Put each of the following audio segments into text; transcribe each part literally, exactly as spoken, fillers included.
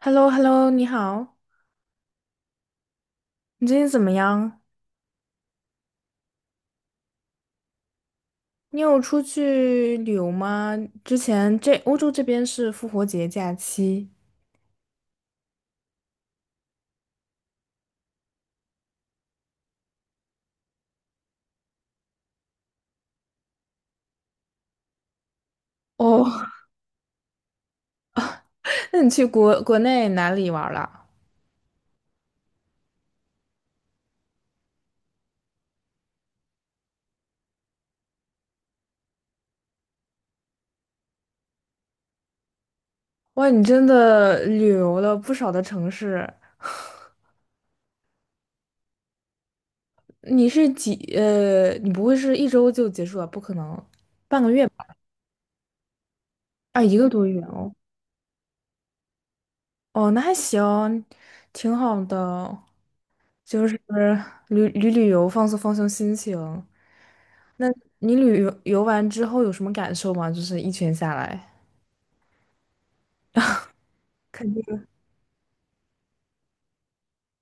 h e l l o h e l l o 你好，你最近怎么样？你有出去旅游吗？之前这欧洲这边是复活节假期。哦，那你去国国内哪里玩了？哇，你真的旅游了不少的城市。你是几呃，你不会是一周就结束了？不可能，半个月吧？啊，一个多月哦。哦，那还行，挺好的，就是旅旅旅游，放松放松心情。那你旅游游完之后有什么感受吗？就是一圈下来，肯定。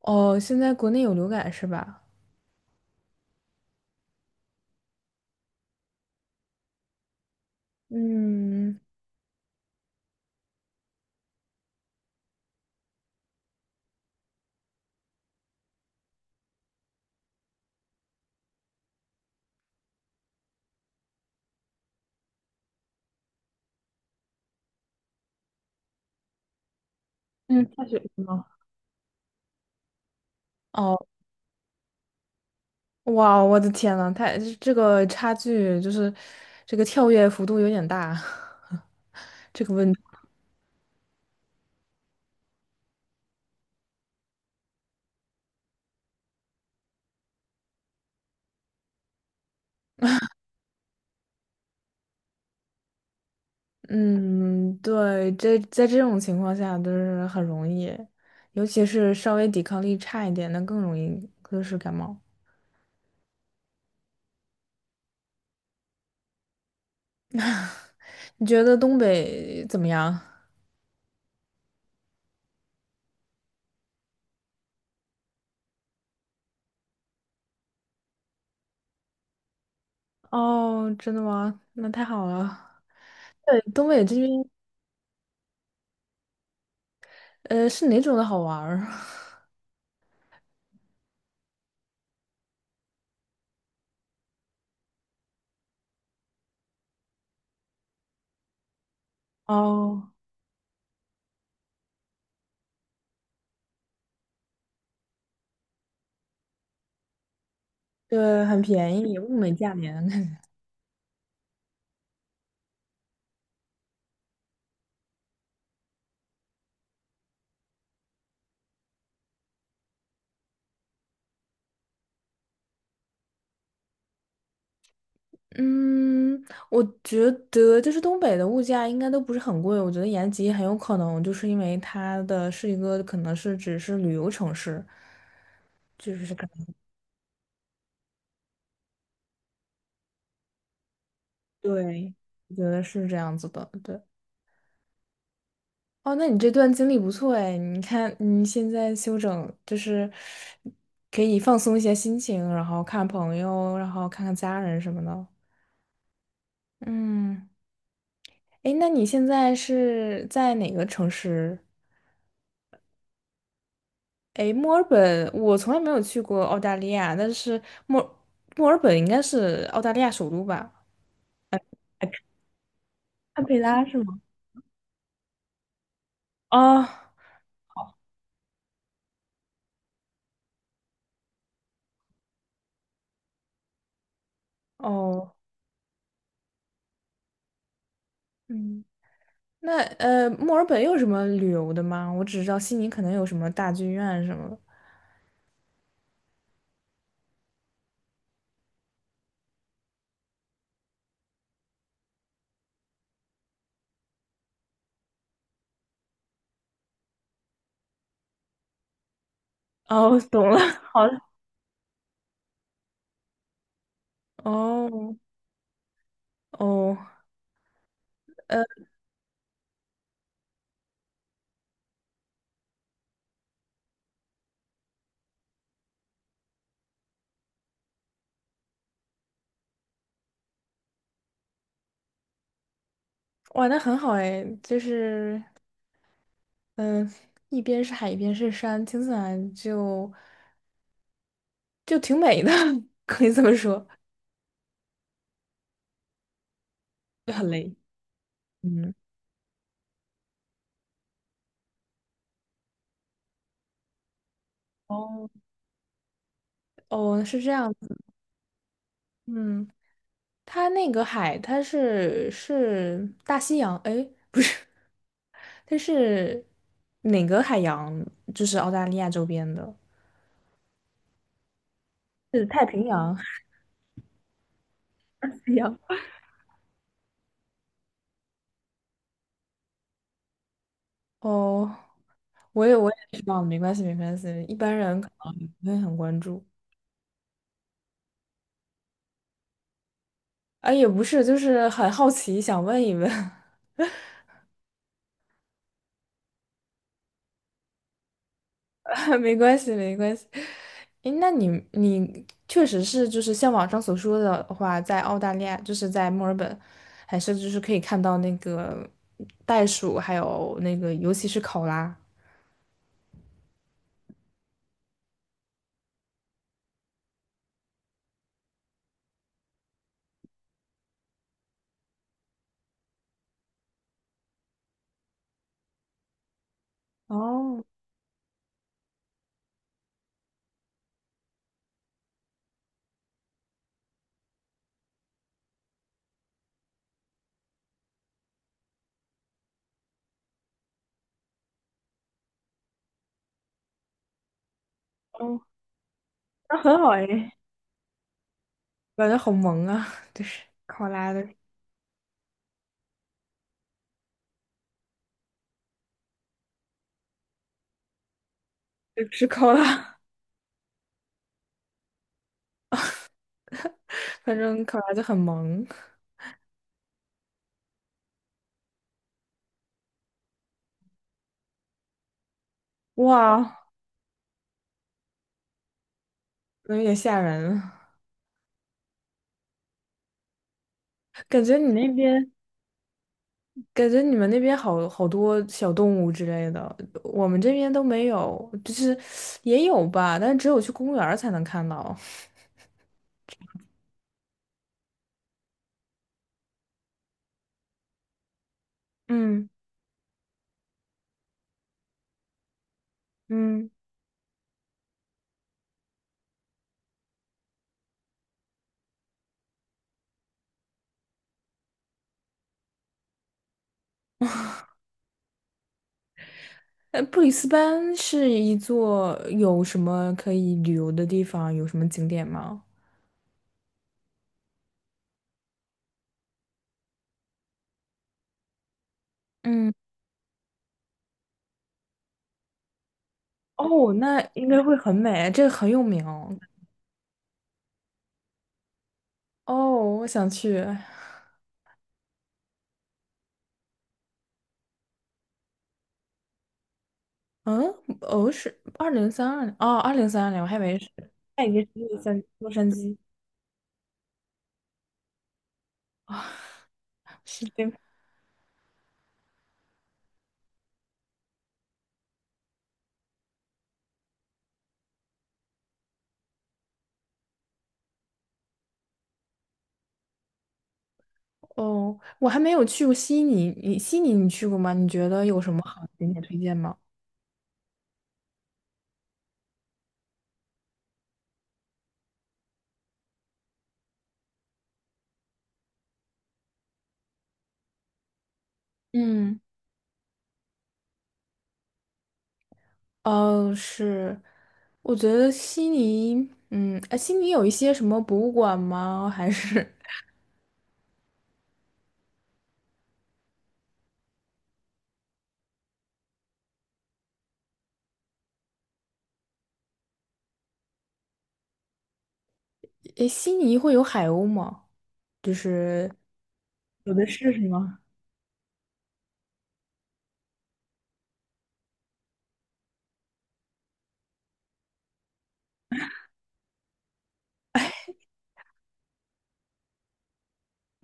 哦，现在国内有流感是吧？嗯。嗯，下雪是吗？哦，哇，我的天呐，太这个差距就是这个跳跃幅度有点大，这个问题。嗯，对，这在这种情况下就是很容易，尤其是稍微抵抗力差一点的更容易就是感冒。你觉得东北怎么样？哦，真的吗？那太好了。对，东北这边，呃，是哪种的好玩儿？哦，对，很便宜，物美价廉。嗯，我觉得就是东北的物价应该都不是很贵。我觉得延吉很有可能就是因为它的是一个可能是只是旅游城市，就是可能对，我觉得是这样子的，对。哦，那你这段经历不错哎，你看你现在休整，就是可以放松一下心情，然后看朋友，然后看看家人什么的。嗯，哎，那你现在是在哪个城市？哎，墨尔本，我从来没有去过澳大利亚，但是墨墨尔本应该是澳大利亚首都吧？堪培拉是吗？哦。哦，嗯，那呃，墨尔本有什么旅游的吗？我只知道悉尼可能有什么大剧院什么的。哦，懂了，好的。哦。哦，呃，玩的很好哎，就是，嗯、一边是海，一边是山，听起来就就挺美的，可以这么说。就很累。嗯，哦。哦，是这样。嗯，它那个海，它是是大西洋，哎，不是，它是哪个海洋？就是澳大利亚周边的，是太平洋、海洋。哦，我也我也知道了，没关系没关系，一般人可能不会很关注。啊，也不是，就是很好奇，想问一问。没关系没关系。诶，那你你确实是就是像网上所说的话，在澳大利亚，就是在墨尔本，还是就是可以看到那个袋鼠，还有那个尤其是考拉。哦。哦，那很好诶，感觉好萌啊！就是考拉的，对，不是考拉，反正考拉就很萌。哇，有点吓人，感觉你那边，感觉你们那边好好多小动物之类的，我们这边都没有，就是也有吧，但是只有去公园儿才能看到。嗯。嗯，呃，布里斯班是一座有什么可以旅游的地方，有什么景点吗？嗯，哦，那应该会很美，这个很有名。哦，哦我想去。嗯，哦，是二零三二年，哦，二零三二年，我还以为是，那已经是洛杉洛杉矶，是对，哦，我还没有去过悉尼，你悉尼你去过吗？你觉得有什么好的景点推荐吗？嗯，哦，是，我觉得悉尼，嗯，哎，悉尼有一些什么博物馆吗？还是，哎，悉尼会有海鸥吗？就是有的是是吗？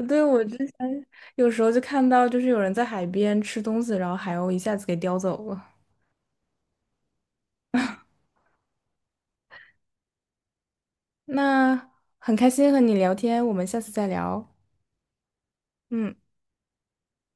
对，我之前有时候就看到，就是有人在海边吃东西，然后海鸥一下子给叼走了。那很开心和你聊天，我们下次再聊。嗯。